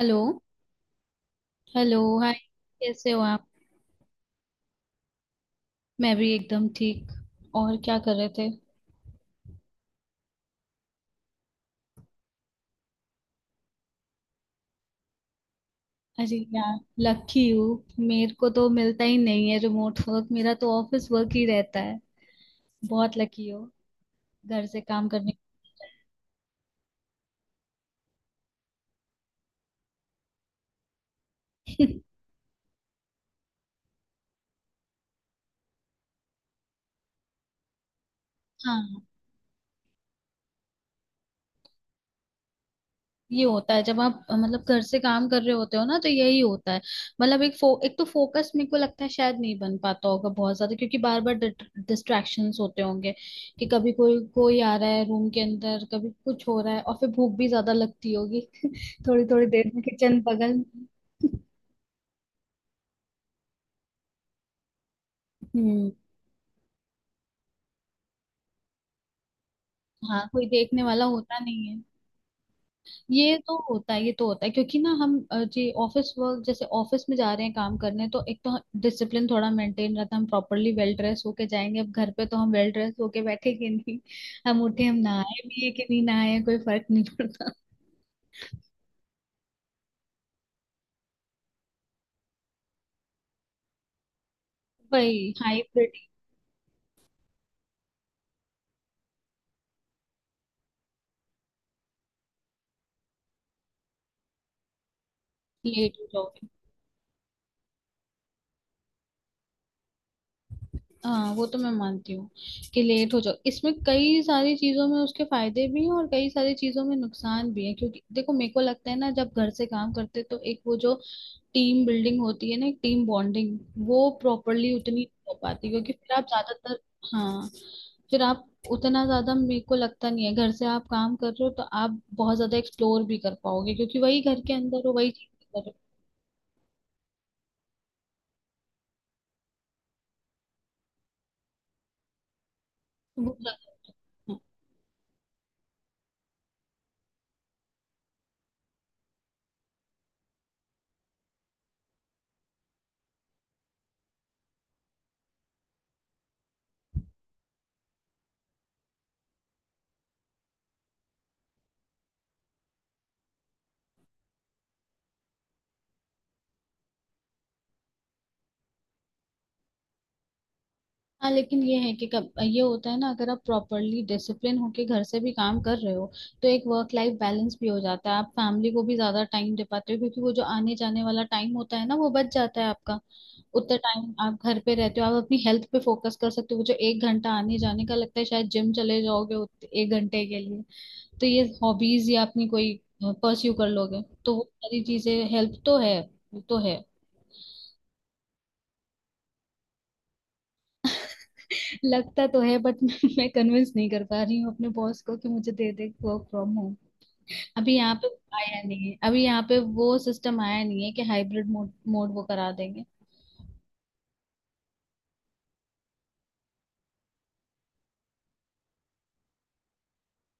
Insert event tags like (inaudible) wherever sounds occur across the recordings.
Hello. Hello, hi. कैसे हो आप? मैं भी एकदम ठीक। और क्या कर रहे थे? अरे यार, लकी हूँ, मेरे को तो मिलता ही नहीं है रिमोट वर्क, मेरा तो ऑफिस वर्क ही रहता है। बहुत लकी हो घर से काम करने। (laughs) हाँ, ये होता है जब आप मतलब घर से काम कर रहे होते हो ना तो यही होता है। मतलब एक तो फोकस मेरे को लगता है शायद नहीं बन पाता होगा बहुत ज्यादा, क्योंकि बार बार डिस्ट्रैक्शंस होते होंगे कि कभी कोई कोई आ रहा है रूम के अंदर, कभी कुछ हो रहा है, और फिर भूख भी ज्यादा लगती होगी। (laughs) थोड़ी थोड़ी देर में किचन बगल। (laughs) हम्म। हाँ, कोई देखने वाला होता नहीं है। ये तो होता है, ये तो होता है, क्योंकि ना हम जी ऑफिस वर्क, जैसे ऑफिस में जा रहे हैं काम करने, तो एक तो डिसिप्लिन थोड़ा मेंटेन रहता है, हम प्रॉपरली वेल ड्रेस होके जाएंगे। अब घर पे तो हम वेल ड्रेस होके बैठेंगे नहीं, हम उठे, हम नहाए भी है कि नहीं नहाए, कोई फर्क नहीं पड़ता। भाई हाइब्रिड। लेट हो जाओगे। हाँ, वो तो मैं मानती हूँ कि लेट हो जाओ। इसमें कई सारी चीजों में उसके फायदे भी हैं और कई सारी चीजों में नुकसान भी है, क्योंकि देखो, मेरे को लगता है ना, जब घर से काम करते तो एक वो जो टीम बिल्डिंग होती है ना, एक टीम बॉन्डिंग, वो प्रॉपरली उतनी नहीं हो पाती, क्योंकि फिर आप ज्यादातर। हाँ। फिर आप उतना ज्यादा मेरे को लगता नहीं है घर से आप काम कर रहे हो तो आप बहुत ज्यादा एक्सप्लोर भी कर पाओगे, क्योंकि वही घर के अंदर हो, वही चीज कर रहे हो। वो ज्यादा-। हाँ। हाँ, लेकिन ये है कि कब ये होता है ना, अगर आप प्रॉपरली डिसिप्लिन होके घर से भी काम कर रहे हो तो एक वर्क लाइफ बैलेंस भी हो जाता है। आप फैमिली को भी ज्यादा टाइम दे पाते हो, क्योंकि वो जो आने जाने वाला टाइम होता है ना, वो बच जाता है आपका। उतना टाइम आप घर पे रहते हो, आप अपनी हेल्थ पे फोकस कर सकते हो। वो जो 1 घंटा आने जाने का लगता है, शायद जिम चले जाओगे 1 घंटे के लिए। तो ये हॉबीज या अपनी कोई परस्यू कर लोगे, तो वो सारी चीजें हेल्प तो है। वो तो है। लगता तो है बट (laughs) मैं कन्विंस नहीं कर पा रही हूँ अपने बॉस को कि मुझे दे दे वर्क फ्रॉम होम। अभी यहाँ पे आया नहीं है, अभी यहाँ पे वो सिस्टम आया नहीं है कि हाइब्रिड मोड मोड वो करा देंगे।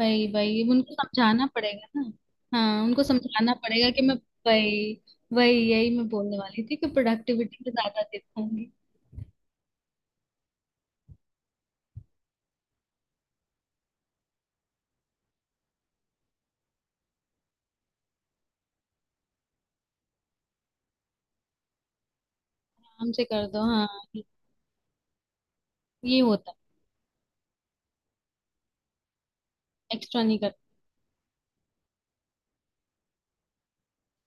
भाई भाई, उनको समझाना पड़ेगा ना। हाँ, उनको समझाना पड़ेगा कि मैं। भाई। वही, यही मैं बोलने वाली थी कि प्रोडक्टिविटी पे ज्यादा देखूंगी। काम से कर दो, हाँ। ये होता है। एक्स्ट्रा नहीं करते।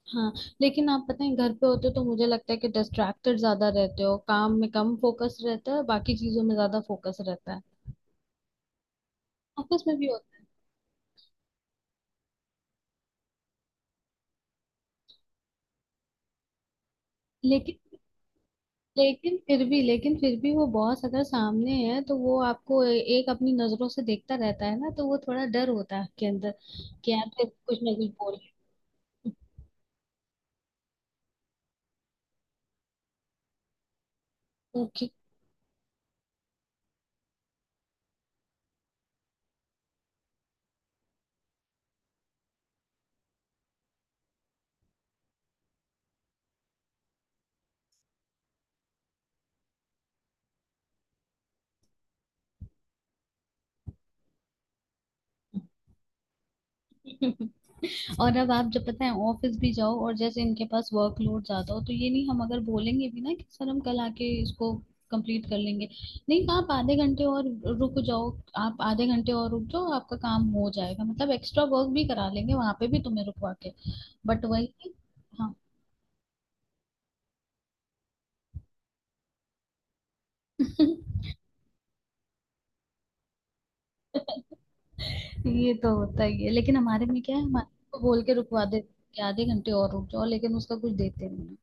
हाँ, लेकिन आप पता है घर पे होते हो तो मुझे लगता है कि डिस्ट्रैक्टेड ज्यादा रहते हो, काम में कम फोकस रहता है, बाकी चीजों में ज्यादा फोकस रहता है। ऑफिस में भी होता है। लेकिन, लेकिन फिर भी, लेकिन फिर भी वो बॉस अगर सामने है तो वो आपको एक अपनी नजरों से देखता रहता है ना, तो वो थोड़ा डर होता है आपके अंदर कि यार फिर कुछ ना कुछ बोल। ओके। (laughs) और अब आप जब पता है ऑफिस भी जाओ और जैसे इनके पास वर्कलोड ज्यादा हो तो ये नहीं, हम अगर बोलेंगे भी ना कि सर हम कल आके इसको कंप्लीट कर लेंगे, नहीं आप आधे घंटे और रुक जाओ, आप आधे घंटे और रुक जाओ, आपका काम हो जाएगा, मतलब एक्स्ट्रा वर्क भी करा लेंगे वहां पे भी तुम्हें रुकवा के। बट वही। हाँ। (laughs) ये तो होता ही है, लेकिन हमारे में क्या है, हमारे को बोल के रुकवा देते हैं कि आधे घंटे और रुक जाओ, लेकिन उसका कुछ देते नहीं।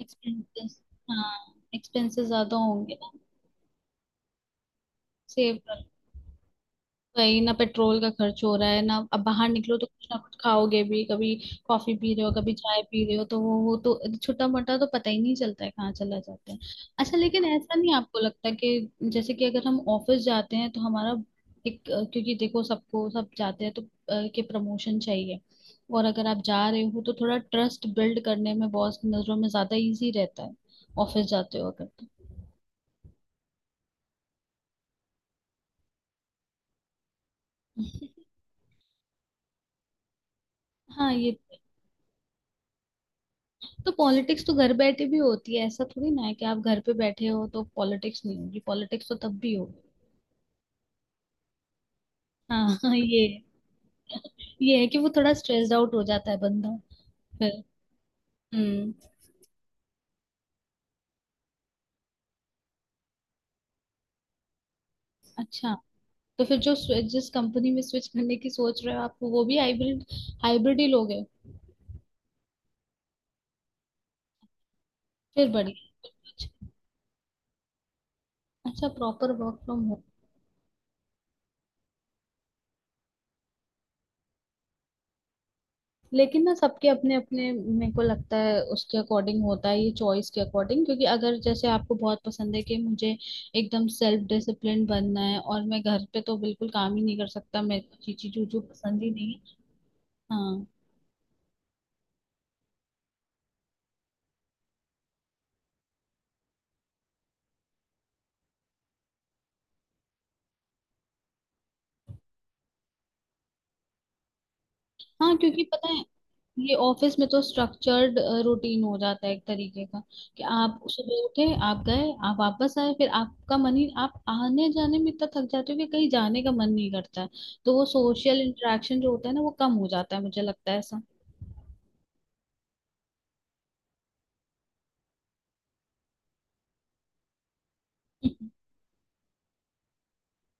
एक्सपेंसेस। हाँ, एक्सपेंसेस ज्यादा होंगे ना। सेव। वही ना, पेट्रोल का खर्च हो रहा है ना, अब बाहर निकलो तो कुछ ना कुछ खाओगे भी, कभी कॉफी पी रहे हो, कभी चाय पी रहे हो, तो वो तो छोटा मोटा तो पता ही नहीं चलता है कहाँ चला जाता है। अच्छा, लेकिन ऐसा नहीं आपको लगता कि जैसे कि अगर हम ऑफिस जाते हैं तो हमारा एक क्योंकि देखो सबको सब जाते हैं तो के प्रमोशन चाहिए, और अगर आप जा रहे हो तो थोड़ा ट्रस्ट बिल्ड करने में बॉस की नजरों में ज्यादा इजी रहता है, ऑफिस जाते हो अगर तो। हाँ, ये तो। पॉलिटिक्स तो घर बैठे भी होती है, ऐसा थोड़ी ना है कि आप घर पे बैठे हो तो पॉलिटिक्स नहीं होगी, पॉलिटिक्स तो तब भी होगी। हाँ। (laughs) हाँ, ये। ये है कि वो थोड़ा स्ट्रेस्ड आउट हो जाता है बंदा। फिर। हम्म। अच्छा। तो फिर जो जिस कंपनी में स्विच करने की सोच रहे हो आप, वो भी हाइब्रिड, हाइब्रिड ही लोगे। फिर बढ़िया। अच्छा। अच्छा, प्रॉपर वर्क फ्रॉम होम। लेकिन ना, सबके अपने अपने, मेरे को लगता है उसके अकॉर्डिंग होता है ये, चॉइस के अकॉर्डिंग, क्योंकि अगर जैसे आपको बहुत पसंद है कि मुझे एकदम सेल्फ डिसिप्लिन बनना है और मैं घर पे तो बिल्कुल काम ही नहीं कर सकता, मेरे को चीची चूचू पसंद ही नहीं है। हाँ। हाँ, क्योंकि पता है, ये ऑफिस में तो स्ट्रक्चर्ड रूटीन हो जाता है एक तरीके का, कि आप सुबह उठे, आप गए, आप वापस आए, फिर आपका मन ही, आप आने जाने में इतना थक जाते हो कि कहीं जाने का मन नहीं करता है। तो वो सोशल इंटरेक्शन जो होता है ना, वो कम हो जाता है, मुझे लगता है ऐसा।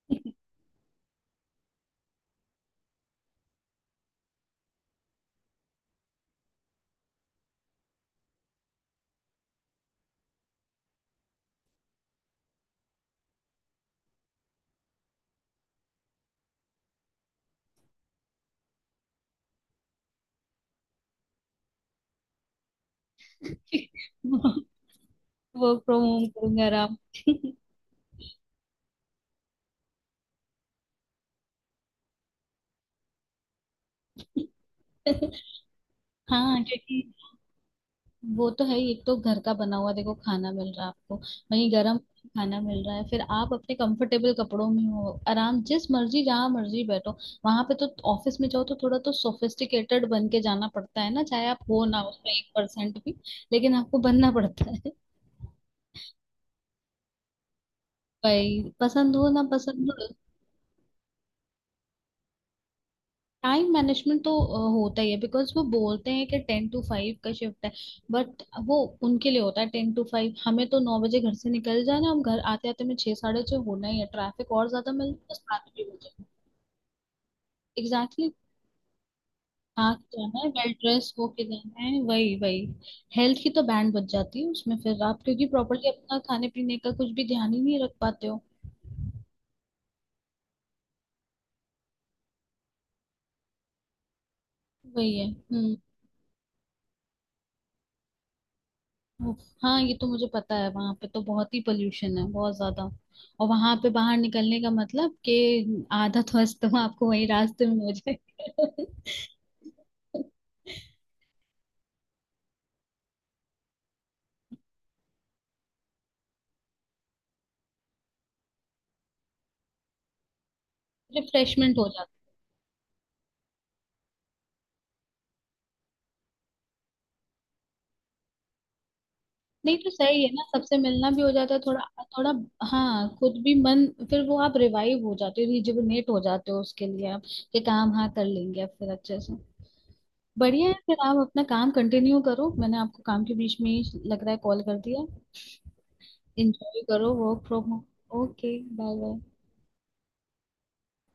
(laughs) वर्क फ्रॉम होम करूंगा आराम से। (laughs) हाँ, क्योंकि वो तो है ही, एक तो घर का बना हुआ देखो खाना मिल रहा है आपको, वहीं गर्म खाना मिल रहा है, फिर आप अपने कंफर्टेबल कपड़ों में हो, आराम, जिस मर्जी जहाँ मर्जी बैठो। वहां पे तो। ऑफिस में जाओ तो थोड़ा तो सोफिस्टिकेटेड बन के जाना पड़ता है ना, चाहे आप हो ना उसमें 1% भी, लेकिन आपको बनना पड़ता है। (laughs) भाई, पसंद हो ना पसंद हो। टाइम मैनेजमेंट तो होता ही है, बिकॉज वो बोलते हैं कि 10 to 5 का शिफ्ट है, बट वो उनके लिए होता है 10 to 5, हमें तो 9 बजे घर से निकल जाना, हम घर आते आते में 6, 6:30 होना ही है, ट्रैफिक और ज्यादा मिल जाए 7 भी हो जाए। एग्जैक्टली। थक जाना है, वेल ड्रेस होके जाना है, वही वही, हेल्थ की तो बैंड बज जाती है उसमें, फिर आप, क्योंकि प्रॉपरली अपना खाने पीने का कुछ भी ध्यान ही नहीं रख पाते हो। वही है, हाँ, ये तो मुझे पता है, वहां पे तो बहुत ही पोल्यूशन है, बहुत ज्यादा। और वहां पे बाहर निकलने का मतलब कि आधा ध्वस्त, तो अस्तमा आपको वही रास्ते में हो जाएगा। रिफ्रेशमेंट हो जाता। नहीं तो सही है ना, सबसे मिलना भी हो जाता है थोड़ा। थोड़ा, हाँ, खुद भी मन, फिर वो आप रिवाइव हो जाते हो, रिजुविनेट हो जाते हो उसके लिए आप, कि काम हाँ कर लेंगे अब फिर अच्छे से। बढ़िया है, फिर आप अपना काम कंटिन्यू करो, मैंने आपको काम के बीच में ही लग रहा है कॉल कर दिया। इंजॉय करो work from home. Okay, bye bye.